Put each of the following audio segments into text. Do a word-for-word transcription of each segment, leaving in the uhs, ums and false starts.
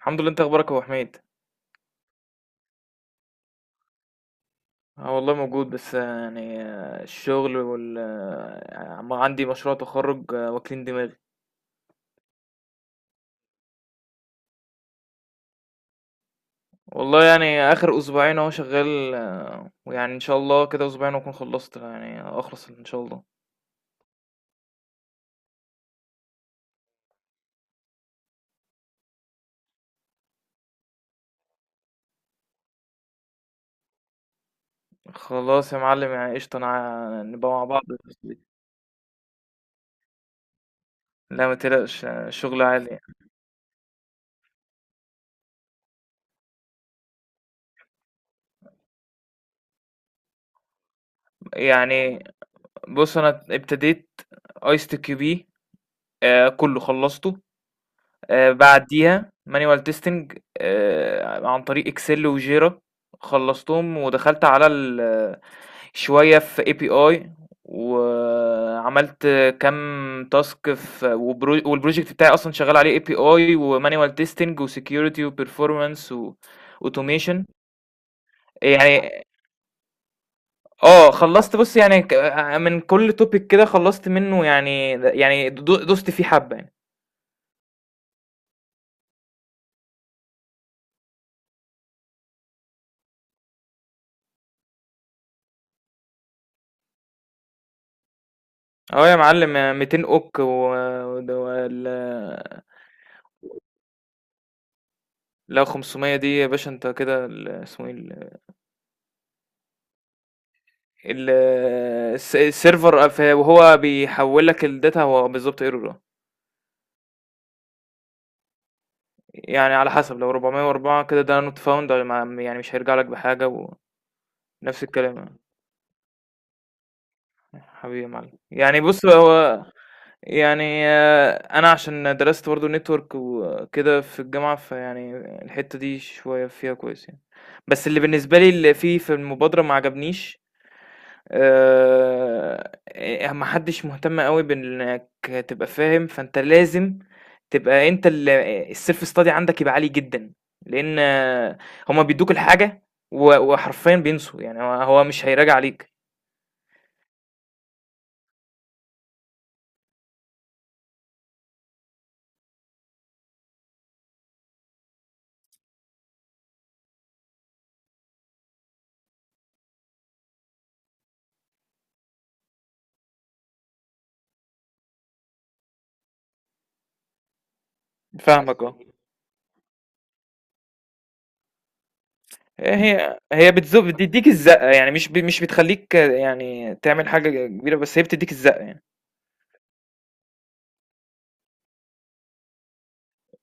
الحمد لله. انت اخبارك يا ابو حميد؟ اه والله موجود، بس آه، يعني آه، الشغل وال آه، عم- عندي مشروع تخرج آه، واكلين دماغي. والله يعني اخر اسبوعين اهو شغال آه، ويعني ان شاء الله كده اسبوعين واكون خلصت، يعني اخلص ان شاء الله. خلاص يا معلم، يعني قشطه، انا نبقى مع بعض. لا ما تقلقش، آه، الشغل عالي. يعني بص، انا ابتديت ايست كيو بي، آه، كله خلصته. آه، بعديها مانيوال تيستنج عن طريق اكسل وجيرا، خلصتهم ودخلت على ال- آه، شوية في اي بي اي، وعملت كام تاسك في وبرو- والبروجكت بتاعي اصلا شغال عليه اي بي اي ومانيوال تيستنج وسكيورتي وبرفورمانس واوتوميشن. يعني اه، خلصت، بص يعني ك- آه، من كل توبيك كده خلصت منه، يعني يعني دو- دوست فيه حبة يعني. اه يا معلم، ميتين اوك، و... وال- لا، خمسمئة دي يا باشا، انت كده ال- اسمه ايه ال- ال- الس- السيرفر، ف- وهو بيحول لك الداتا، هو بالظبط ايرور. يعني على حسب، لو أربعمية وأربعة كده ده نوت فاوند، يعني مش هيرجع لك بحاجة، ونفس الكلام يعني. حبيبي يا معلم، يعني بص هو، يعني آه، انا عشان درست برضه نتورك وكده في الجامعة، فيعني الحتة دي شوية فيها كويس يعني. بس اللي بالنسبة لي اللي فيه في المبادرة ما عجبنيش. آآ، آآ، ما حدش مهتم أوي بإنك تبقى فاهم، فأنت لازم تبقى أنت ال الself study عندك يبقى عالي جدًا، لإن هُم بيدّوك الحاجة، و وحرفيًا بينسوا، يعني هو هو مش هيراجع عليك. فاهمك، آه، هي هي بتزو بتدّيك الزقة، يعني مش ب مش بتخلّيك، آه، يعني تعمل حاجة كبيرة، بس هي بتدّيك الزقة يعني.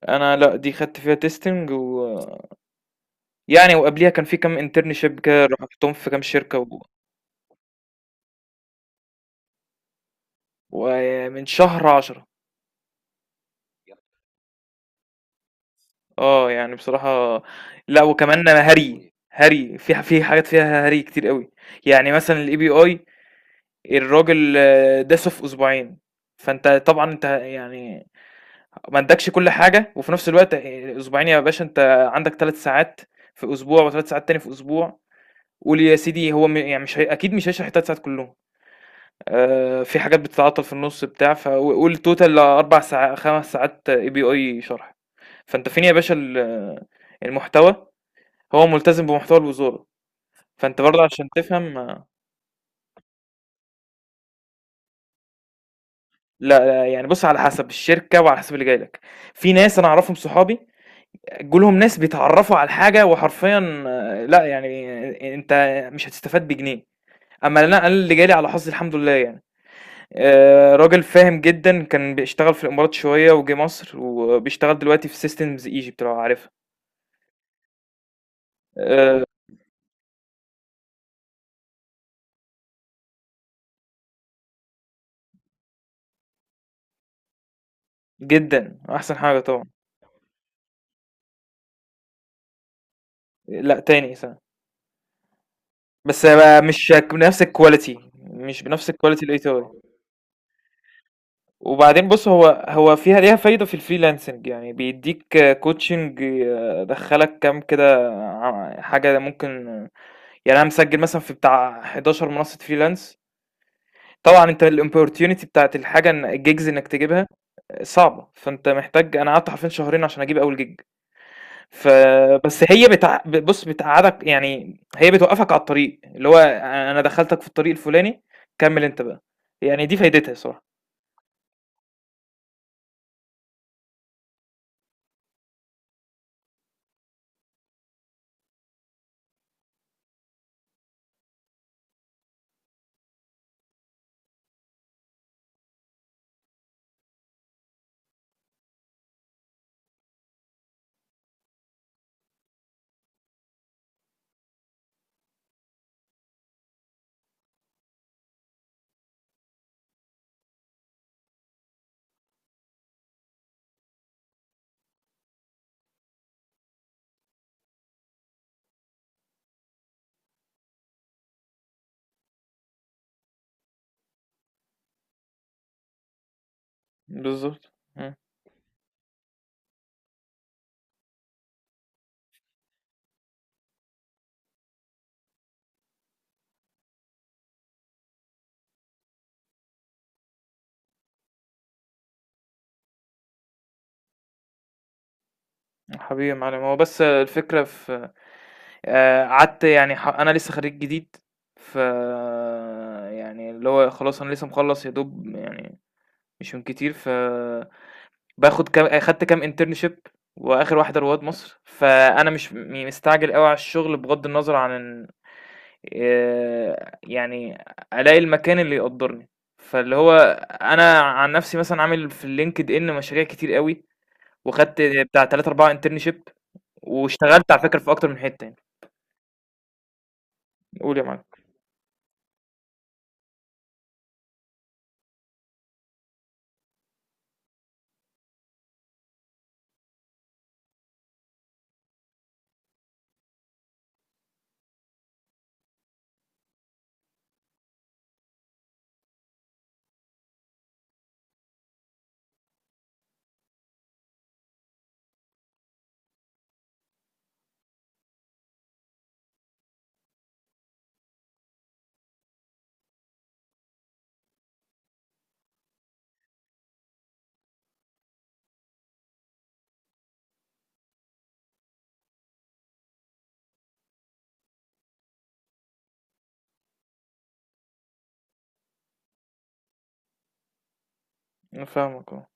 أنا لأ، دي خدت فيها testing و، يعني وقبليها كان في كام internship كده، رُحتهم في كام شركة، و ومن شهر عشرة. آه، يعني بصراحة، لأ وكمان هري، إمم. هري في ح في حاجات فيها هري كتير أوي، يعني مثلًا الAPI، الراجل، آه، داسه في أسبوعين، فأنت طبعًا أنت يعني ما ادّاكش كل حاجة، وفي نفس الوقت آآ، أسبوعين يا باشا، أنت عندك ثلاث ساعات في أسبوع و3 ساعات تاني في أسبوع، قُل يا سيدي، هو م يعني مش هي، أكيد مش هيشرح ال3 ساعات كلّهم، آآ، في حاجات بتتعطل في النُص بتاع ف و قُل total أربع ساع خمس ساعات ايه بي اي شرح. فأنت فين يا باشا ال المحتوى؟ هو ملتزم بمحتوى الوزارة، فأنت برضه عشان تفهم. لا، لا يعني بُص، على حسب الشركة وعلى حسب اللي جاي لك، في ناس أنا أعرفهم صحابي جُه لهم ناس بيتعرّفوا على الحاجة، وحرفيًا، آه، لأ، يعني أنت مش هتستفاد بجنيه. أمّا لأ، أنا اللي جه لي على حظي الحمد لله يعني، آآ راجل فاهم جدًا، كان بيشتغل في الإمارات شوية وجه مصر وبيشتغل دلوقتي في systems Egypt لو عارفها، آآ جدًا، أحسن حاجة طبعًا. لأ تاني سنة، بس بقى مش بنفس الquality، مش بنفس الquality الATI. وبعدين بص، هو هو فيها ليها فايدة في الفريلانسنج، يعني بيديك كوتشنج، دخلك كام كده، ع- حاجة ممكن. يعني أنا مسجل مثلا في بتاع حداشر منصة فريلانس. طبعا انت الاوبورتيونيتي بتاعت الحاجة ان الجيجز انك تجيبها صعبة، فانت محتاج، انا قعدت حرفيا شهرين عشان اجيب اول جيج. فبس هي بتع... بص، بتقعدك يعني، هي بتوقفك على الطريق اللي هو انا دخلتك في الطريق الفلاني، كمل انت بقى. يعني دي فايدتها صراحة. بالظبط. حبيبي يا معلم، هو بس الفكرة في، آه، قعدت يعني ح... أنا لسه خريج جديد، ف يعني اللي هو خلاص، أنا لسه مخلص يا دوب، يعني مش من كتير، ف باخد كام خدت كام انترنشيب، وآخر واحدة رواد مصر، فأنا مش م- يعني مستعجل قوي على الشغل، بغض النظر عن إن- آه، يعني ألاقي المكان اللي يقدرني، فاللي هو أنا عن نفسي مثلا عامل في اللينكد إن مشاريع كتير قوي، وخدت بتاع ثلاثة أربعة انترنشيب، واشتغلت على فكرة في أكتر من حتة. قول يا معلم. أنا فاهمك، اه.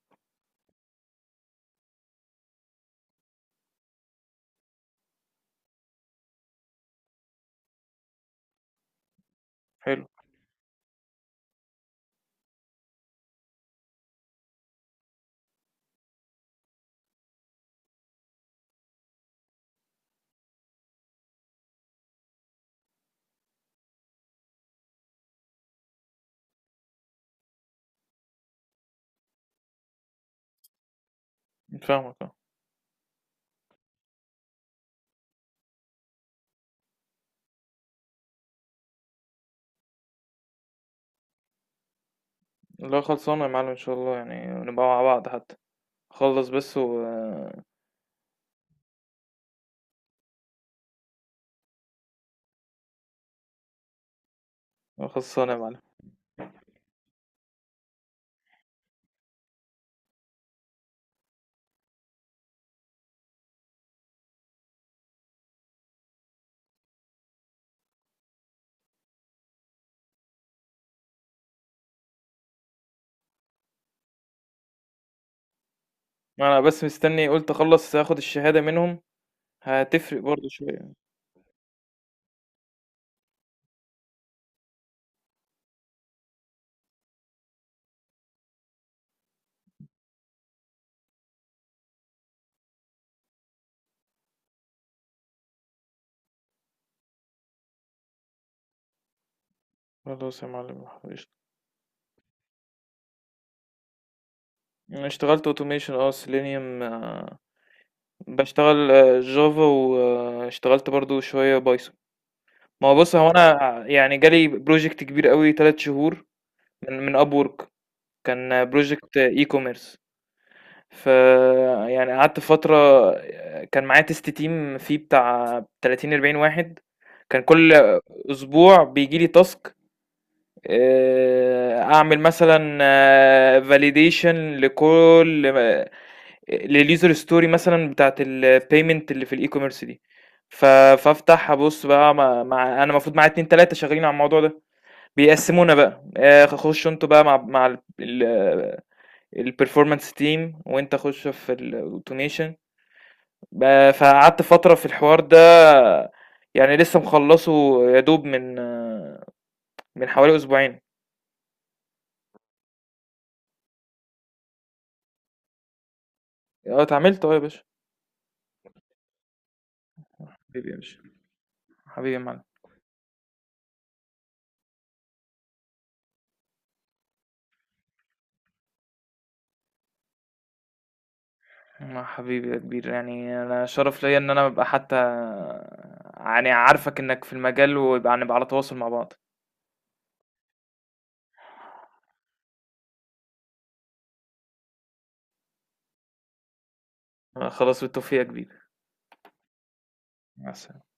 حلو. فاهمك، اه. لا خلصانة يا معلم، ان شاء الله يعني نبقى مع بعض حتى، خلص بس و، آه، خلصانة يا معلم. انا بس مستني، قلت اخلص اخد الشهادة منهم، هتفرق برضه شوية. خلاص يا معلم، قشطة. انا اشتغلت اوتوميشن، اه سيلينيوم، آه، بشتغل آه، جافا، واشتغلت برضه شوية بايثون. ما هو بص، هو انا يعني جالي بروجكت كبير قوي، تلات شهور، من من اب وورك، كان بروجكت اي كوميرس. فيعني قعدت فترة، كان معايا تيست تيم فيه بتاع تلاتين أربعين واحد. كان كل اسبوع بيجي لي تاسك، آه، اعمل مثلا فاليديشن لكل، لليوزر ستوري مثلا بتاعت البيمنت اللي في الاي كوميرس دي. ف- فافتح ابص بقى مع, مع، انا المفروض معايا اتنين تلاته شغالين على الموضوع ده، بيقسمونا بقى، آه، خشوا انتوا بقى مع مع البرفورمانس تيم، وانت خش في الاوتوميشن. فقعدت فترة في الحوار ده، يعني لسه مخلصه يا دوب من من حوالي اسبوعين. اه اتعاملت، اه يا باشا. حبيبي يا باشا، حبيبي يا معلم. آه، حبيبي يا كبير، يعني انا شرف ليا ان انا ابقى حتى، يعني عارفك انك في المجال، ويبقى نبقى على تواصل مع بعض. آه، خلاص، بالتوفيق يا كبير. مع السلامة.